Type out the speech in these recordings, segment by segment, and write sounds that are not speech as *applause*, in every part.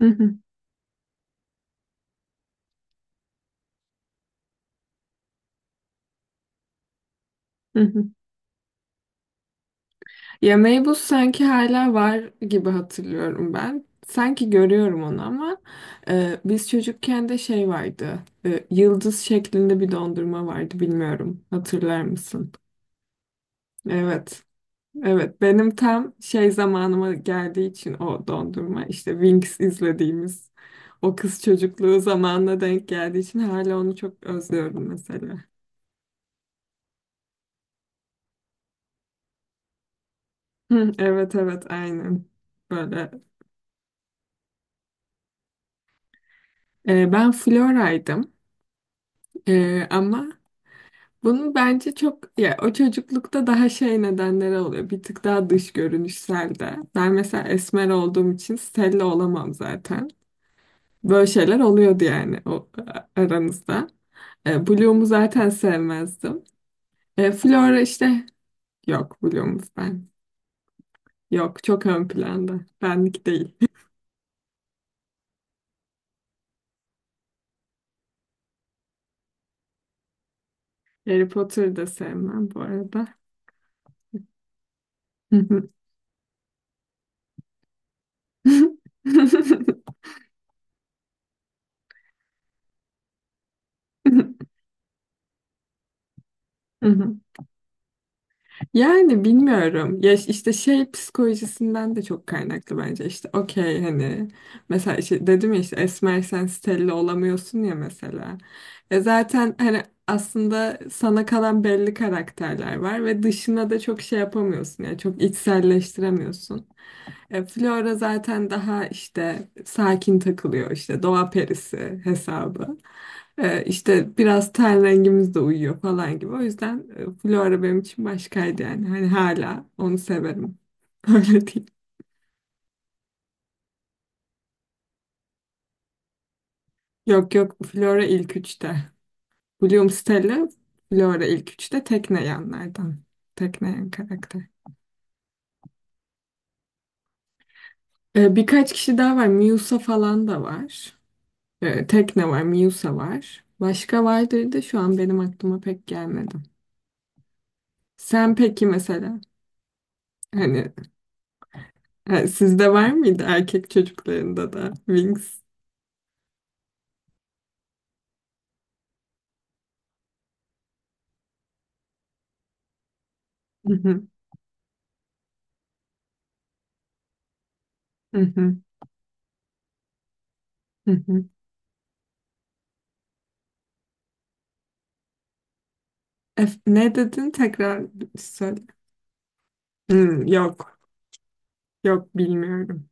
Hı hı, hı hı. Ya Meybus sanki hala var gibi hatırlıyorum ben. Sanki görüyorum onu ama biz çocukken de şey vardı. Yıldız şeklinde bir dondurma vardı bilmiyorum. Hatırlar mısın? Evet. Evet. Benim tam şey zamanıma geldiği için o dondurma işte Wings izlediğimiz o kız çocukluğu zamanına denk geldiği için hala onu çok özlüyorum mesela. Hı, evet evet aynen. Böyle. Ben Flora'ydım. Ama bunun bence çok ya o çocuklukta daha şey nedenleri oluyor. Bir tık daha dış görünüşsel de. Ben mesela esmer olduğum için Stella olamam zaten. Böyle şeyler oluyordu yani o aranızda. Bloom'u zaten sevmezdim. Flora işte yok Bloom'u ben. Yok çok ön planda. Benlik değil. *laughs* Harry Potter'ı da sevmem bu arada. *laughs* Hı hı. *laughs* Yani bilmiyorum. Ya işte şey psikolojisinden de çok kaynaklı bence. İşte okey hani mesela işte dedim ya işte esmersen Stella olamıyorsun ya mesela. E zaten hani aslında sana kalan belli karakterler var ve dışına da çok şey yapamıyorsun. Yani çok içselleştiremiyorsun. Flora zaten daha işte sakin takılıyor işte doğa perisi hesabı. İşte biraz ten rengimiz de uyuyor falan gibi. O yüzden Flora benim için başkaydı yani. Hani hala onu severim. *laughs* Öyle değil. Yok yok Flora ilk üçte. William Stella Flora ilk üçte tekneyenlerden. Tekneyen karakter. Birkaç kişi daha var. Miusa falan da var. Tekne var, Miusa var. Başka vardır da şu an benim aklıma pek gelmedi. Sen peki mesela hani sizde var mıydı erkek çocuklarında da Wings? Hı hı, hı hı, hı hı. Ne dedin tekrar söyle. Hmm, yok yok bilmiyorum.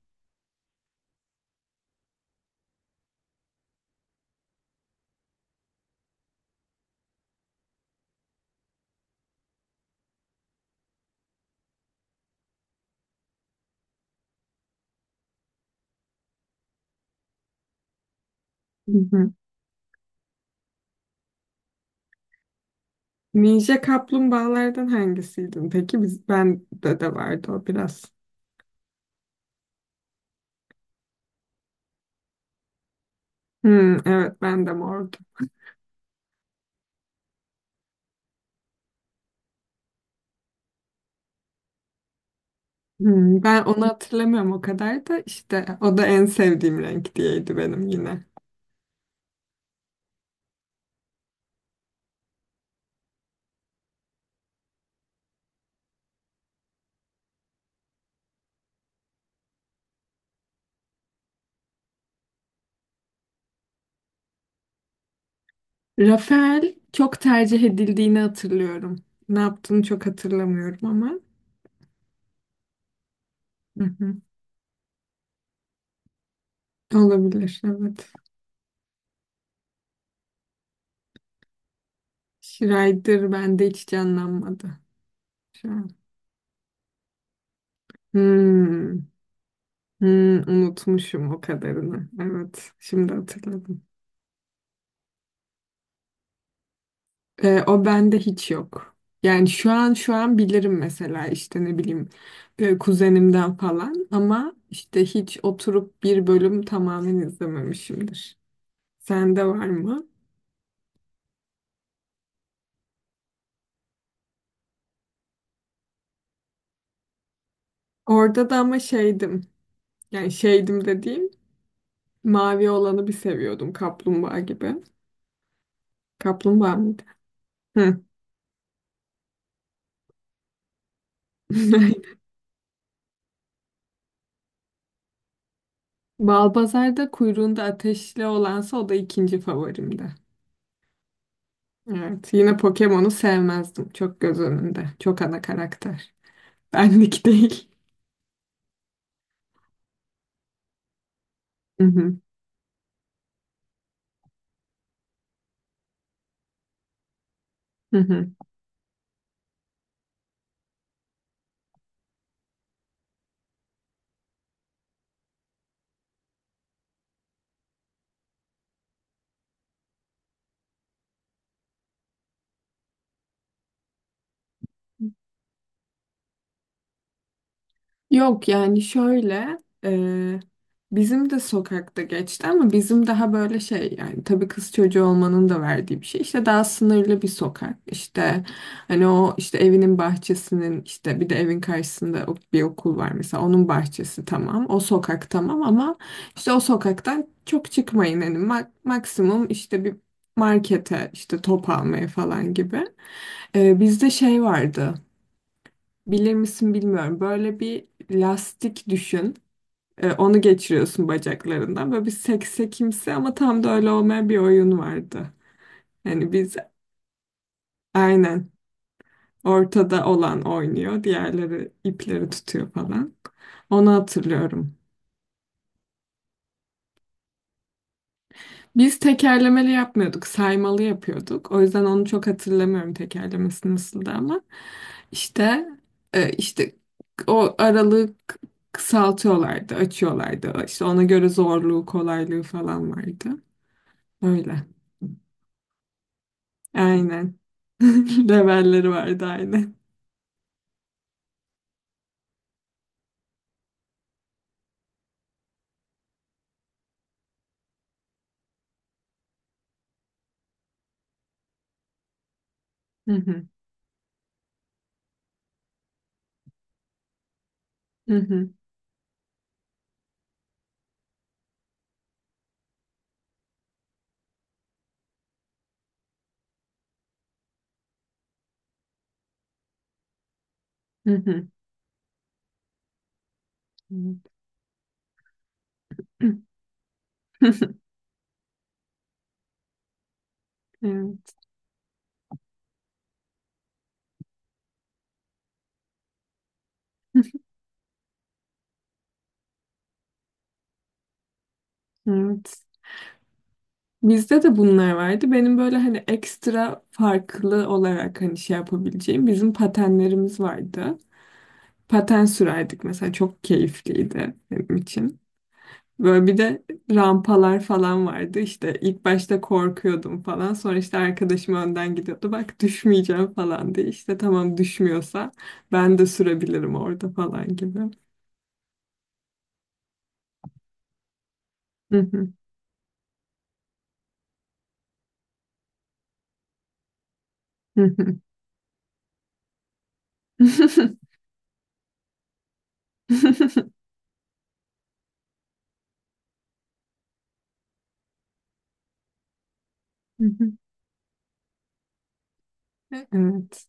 Hı hı. Ninja kaplumbağalardan hangisiydin? Peki biz ben de de vardı o biraz. Hmm, evet ben de mor. Hmm, ben onu hatırlamıyorum o kadar da işte o da en sevdiğim renk diyeydi benim yine. Rafael çok tercih edildiğini hatırlıyorum. Ne yaptığını çok hatırlamıyorum ama. Hı hı. Olabilir, evet. Schrider bende hiç canlanmadı şu an. Hmm, hmm, unutmuşum o kadarını. Evet, şimdi hatırladım. O bende hiç yok. Yani şu an şu an bilirim mesela işte ne bileyim kuzenimden falan ama işte hiç oturup bir bölüm tamamen izlememişimdir. Sende var mı? Orada da ama şeydim. Yani şeydim dediğim mavi olanı bir seviyordum kaplumbağa gibi. Kaplumbağa mıydı? Hı. *laughs* Balbazar'da kuyruğunda ateşli olansa o da ikinci favorimdi. Evet, yine Pokemon'u sevmezdim. Çok göz önünde. Çok ana karakter. Benlik değil. Hı hı, hı hı. Yok yani şöyle e, bizim de sokakta geçti ama bizim daha böyle şey yani tabii kız çocuğu olmanın da verdiği bir şey işte daha sınırlı bir sokak işte hani o işte evinin bahçesinin işte bir de evin karşısında bir okul var mesela onun bahçesi tamam o sokak tamam ama işte o sokaktan çok çıkmayın hani maksimum işte bir markete işte top almaya falan gibi. Bizde şey vardı. Bilir misin bilmiyorum. Böyle bir lastik düşün. Onu geçiriyorsun bacaklarından. Böyle bir seksekimsi ama tam da öyle olmayan bir oyun vardı. Yani biz aynen ortada olan oynuyor. Diğerleri ipleri tutuyor falan. Onu hatırlıyorum. Biz tekerlemeli yapmıyorduk, saymalı yapıyorduk. O yüzden onu çok hatırlamıyorum tekerlemesi nasıldı ama işte işte o aralığı kısaltıyorlardı, açıyorlardı. İşte ona göre zorluğu, kolaylığı falan vardı. Öyle. Aynen. *laughs* Levelleri vardı aynen. Hı hı. Hı hı. Hı hı. Hı. *laughs* Evet. Evet. Bizde de bunlar vardı. Benim böyle hani ekstra farklı olarak hani şey yapabileceğim bizim patenlerimiz vardı. Paten sürerdik mesela çok keyifliydi benim için. Böyle bir de rampalar falan vardı. İşte ilk başta korkuyordum falan. Sonra işte arkadaşım önden gidiyordu. Bak düşmeyeceğim falan diye. İşte tamam düşmüyorsa ben de sürebilirim orada falan gibi. Hı hı, hı hı. *laughs* *laughs* Evet.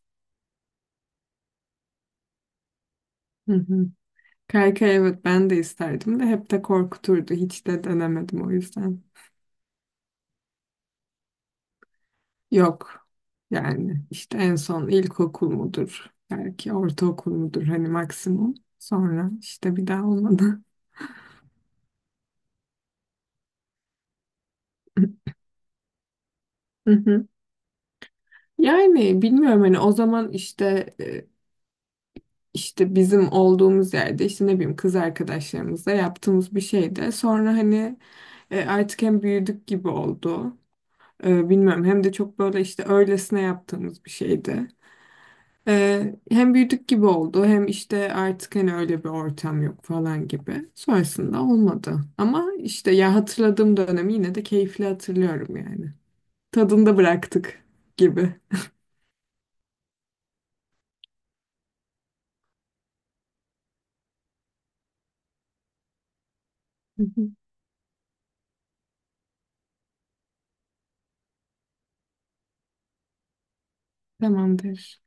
*laughs* Kaykay evet ben de isterdim de hep de korkuturdu. Hiç de denemedim o yüzden. Yok. Yani işte en son ilkokul mudur? Belki ortaokul mudur hani maksimum. Sonra işte bir daha olmadı. *laughs* Hı hı. Yani bilmiyorum hani o zaman işte işte bizim olduğumuz yerde işte ne bileyim kız arkadaşlarımızla yaptığımız bir şeydi. Sonra hani artık hem büyüdük gibi oldu. Bilmiyorum hem de çok böyle işte öylesine yaptığımız bir şeydi. Hem büyüdük gibi oldu hem işte artık hani öyle bir ortam yok falan gibi. Sonrasında olmadı. Ama işte ya hatırladığım dönemi yine de keyifli hatırlıyorum yani. Tadında bıraktık gibi. Hı hı. Tamamdır.